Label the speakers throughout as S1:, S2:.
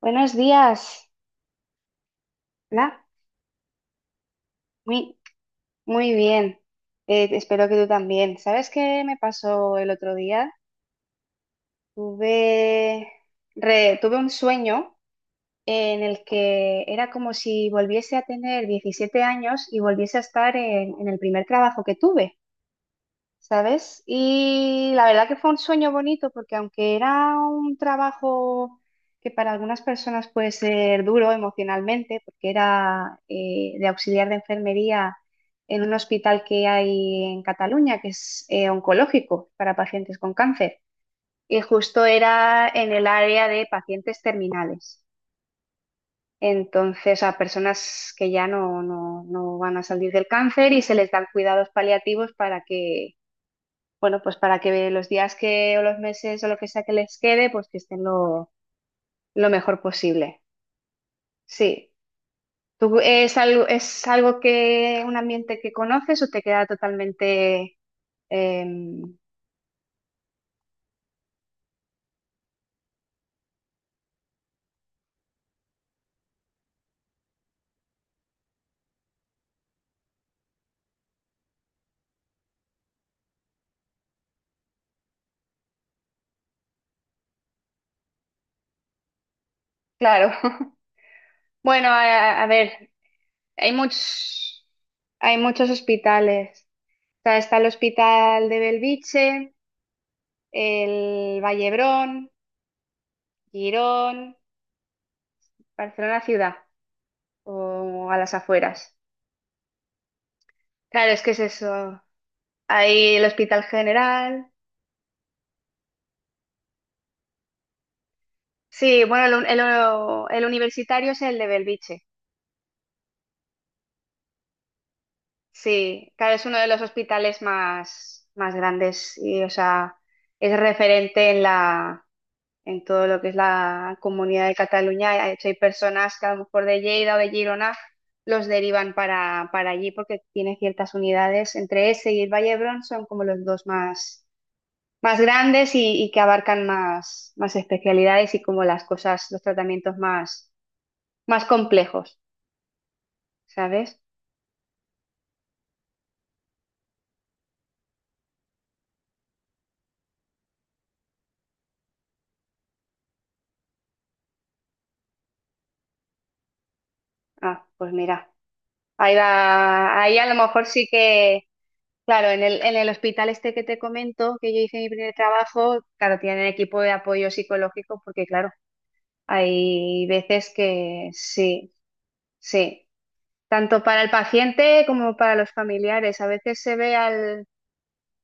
S1: Buenos días. Hola. Muy, muy bien. Espero que tú también. ¿Sabes qué me pasó el otro día? Tuve, tuve un sueño en el que era como si volviese a tener 17 años y volviese a estar en el primer trabajo que tuve. ¿Sabes? Y la verdad que fue un sueño bonito porque aunque era un trabajo que para algunas personas puede ser duro emocionalmente, porque era de auxiliar de enfermería en un hospital que hay en Cataluña, que es oncológico para pacientes con cáncer, y justo era en el área de pacientes terminales. Entonces, a personas que ya no, no van a salir del cáncer y se les dan cuidados paliativos para que bueno, pues para que los días que o los meses o lo que sea que les quede, pues que estén lo mejor posible. Sí. ¿Tú es algo que un ambiente que conoces o te queda totalmente em, claro? Bueno, a ver, hay muchos, hay muchos hospitales. O sea, está el hospital de Belviche, el Vallebrón, Girón, Barcelona ciudad o a las afueras. Claro, es que es eso. Hay el Hospital General. Sí, bueno, el universitario es el de Belviche. Sí, claro, es uno de los hospitales más grandes y, o sea, es referente en en todo lo que es la comunidad de Cataluña. De hecho, hay personas que a lo mejor de Lleida o de Girona los derivan para allí porque tiene ciertas unidades. Entre ese y el Valle d'Hebron son como los dos más grandes y que abarcan más especialidades y como las cosas, los tratamientos más complejos, ¿sabes? Ah, pues mira, ahí va, ahí a lo mejor sí que, claro, en el hospital este que te comento, que yo hice mi primer trabajo, claro, tienen equipo de apoyo psicológico porque, claro, hay veces que sí, sí, tanto para el paciente como para los familiares. A veces se ve al,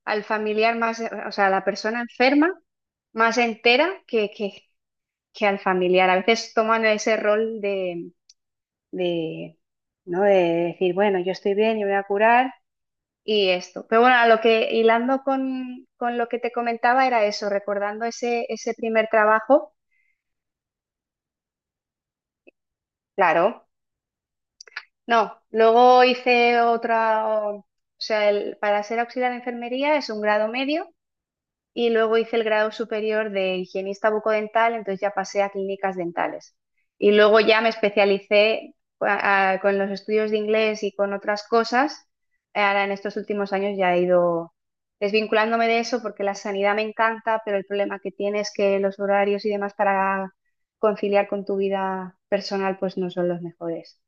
S1: al familiar más, o sea, a la persona enferma más entera que al familiar. A veces toman ese rol de, ¿no? De decir, bueno, yo estoy bien, yo me voy a curar y esto. Pero bueno, a lo que hilando con lo que te comentaba era eso, recordando ese primer trabajo, claro, no. Luego hice otra, o sea, para ser auxiliar de enfermería es un grado medio y luego hice el grado superior de higienista bucodental, entonces ya pasé a clínicas dentales. Y luego ya me especialicé con los estudios de inglés y con otras cosas. Ahora en estos últimos años ya he ido desvinculándome de eso porque la sanidad me encanta, pero el problema que tiene es que los horarios y demás para conciliar con tu vida personal pues no son los mejores.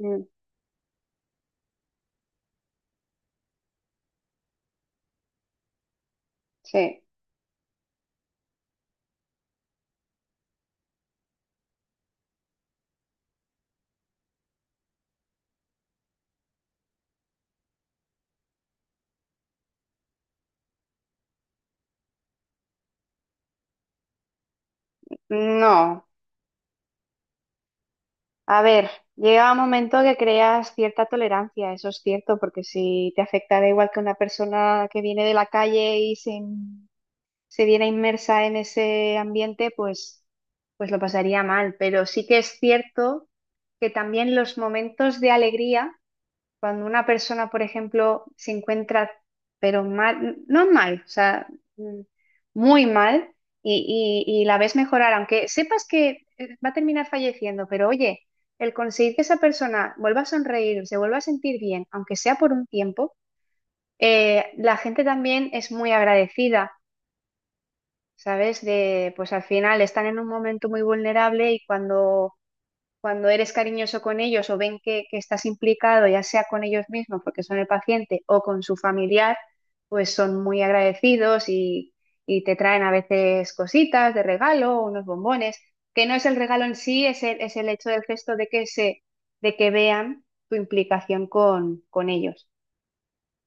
S1: Mm, sí. No. A ver, llega un momento que creas cierta tolerancia, eso es cierto, porque si te afecta da igual que una persona que viene de la calle y se viera inmersa en ese ambiente, pues lo pasaría mal. Pero sí que es cierto que también los momentos de alegría cuando una persona, por ejemplo, se encuentra, pero mal, no mal, o sea, mm, muy mal, y la ves mejorar, aunque sepas que va a terminar falleciendo, pero oye, el conseguir que esa persona vuelva a sonreír, se vuelva a sentir bien, aunque sea por un tiempo, la gente también es muy agradecida, ¿sabes? De, pues al final están en un momento muy vulnerable y cuando eres cariñoso con ellos o ven que estás implicado, ya sea con ellos mismos, porque son el paciente, o con su familiar, pues son muy agradecidos y te traen a veces cositas de regalo, unos bombones, que no es el regalo en sí, es el hecho del gesto de de que vean tu implicación con ellos.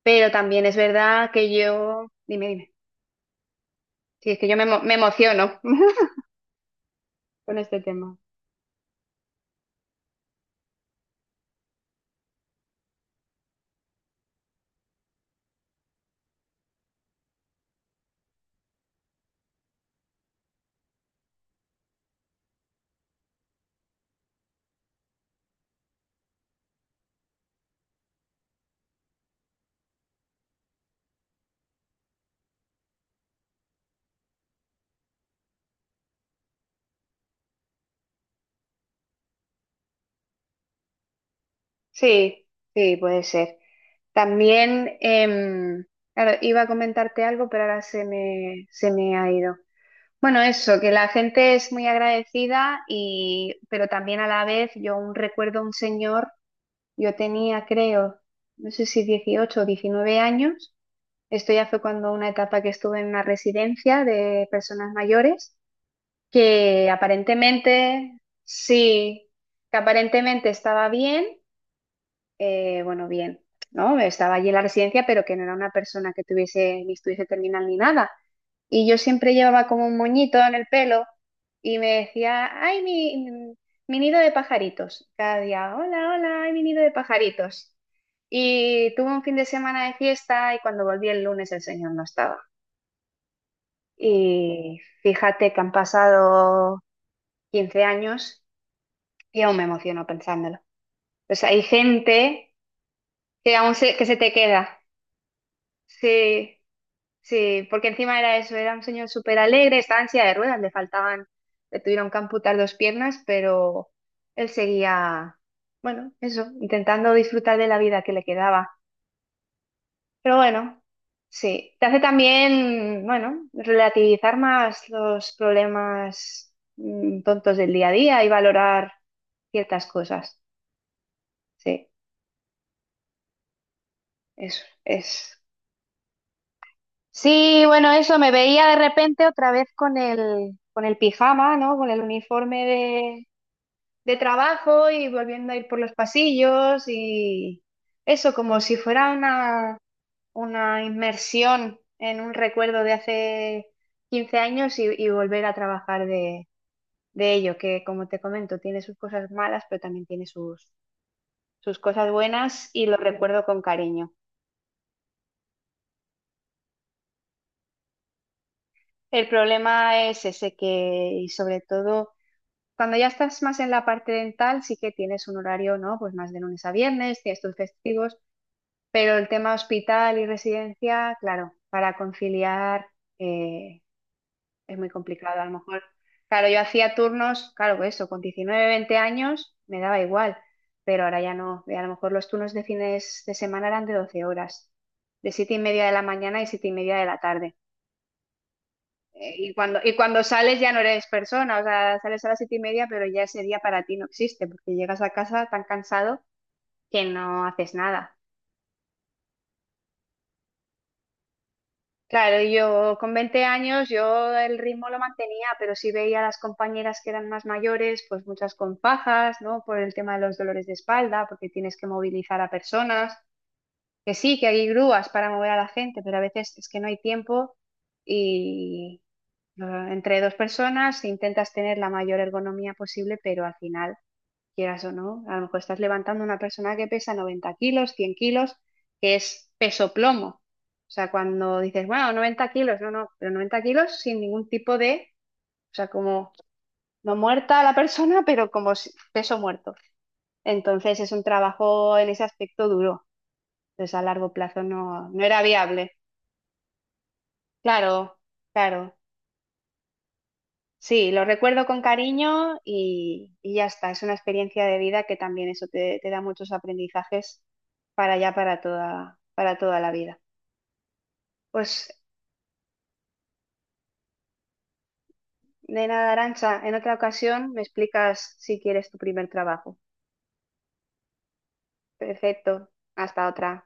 S1: Pero también es verdad que yo, dime, dime, sí, es que yo me emociono con este tema. Sí, sí, puede ser. También, claro, iba a comentarte algo, pero ahora se me ha ido. Bueno, eso, que la gente es muy agradecida y, pero también a la vez, yo aún recuerdo a un señor, yo tenía, creo, no sé si 18 o 19 años, esto ya fue cuando una etapa que estuve en una residencia de personas mayores, que aparentemente, sí, que aparentemente estaba bien, bueno, bien, ¿no? Estaba allí en la residencia, pero que no era una persona que tuviese ni estuviese terminal ni nada. Y yo siempre llevaba como un moñito en el pelo y me decía, ay, mi nido de pajaritos. Cada día, hola, hola, ay, mi nido de pajaritos. Y tuve un fin de semana de fiesta y cuando volví el lunes el señor no estaba. Y fíjate que han pasado 15 años y aún me emociono pensándolo. Pues hay gente que aún que se te queda. Sí. Sí, porque encima era eso, era un señor súper alegre, estaba en silla de ruedas, le tuvieron que amputar dos piernas, pero él seguía, bueno, eso, intentando disfrutar de la vida que le quedaba. Pero bueno, sí, te hace también, bueno, relativizar más los problemas tontos del día a día y valorar ciertas cosas. Sí, eso es. Sí, bueno, eso, me veía de repente otra vez con el pijama, ¿no? Con el uniforme de trabajo y volviendo a ir por los pasillos y eso, como si fuera una inmersión en un recuerdo de hace 15 años y volver a trabajar de ello, que como te comento, tiene sus cosas malas, pero también tiene sus cosas buenas y lo recuerdo con cariño. El problema es ese que, y sobre todo... Cuando ya estás más en la parte dental, sí que tienes un horario, ¿no? Pues más de lunes a viernes, tienes tus festivos, pero el tema hospital y residencia, claro, para conciliar eh, es muy complicado. A lo mejor, claro, yo hacía turnos, claro, pues eso, con 19 20 años me daba igual, pero ahora ya no. Y a lo mejor los turnos de fines de semana eran de 12 horas, de 7:30 de la mañana y 7:30 de la tarde. Y cuando sales ya no eres persona, o sea, sales a las 7:30, pero ya ese día para ti no existe, porque llegas a casa tan cansado que no haces nada. Claro, yo con 20 años yo el ritmo lo mantenía, pero sí veía a las compañeras que eran más mayores, pues muchas con fajas, ¿no? Por el tema de los dolores de espalda, porque tienes que movilizar a personas, que sí, que hay grúas para mover a la gente, pero a veces es que no hay tiempo y entre dos personas intentas tener la mayor ergonomía posible, pero al final quieras o no. A lo mejor estás levantando a una persona que pesa 90 kilos, 100 kilos, que es peso plomo. O sea, cuando dices, bueno, 90 kilos, no, no, pero 90 kilos sin ningún tipo de, o sea, como no muerta la persona, pero como peso muerto. Entonces es un trabajo en ese aspecto duro. Entonces a largo plazo no, no era viable. Claro, claro. Sí, lo recuerdo con cariño y ya está. Es una experiencia de vida que también eso te da muchos aprendizajes para ya para toda la vida. Pues de nada, Arancha, en otra ocasión me explicas si quieres tu primer trabajo. Perfecto, hasta otra.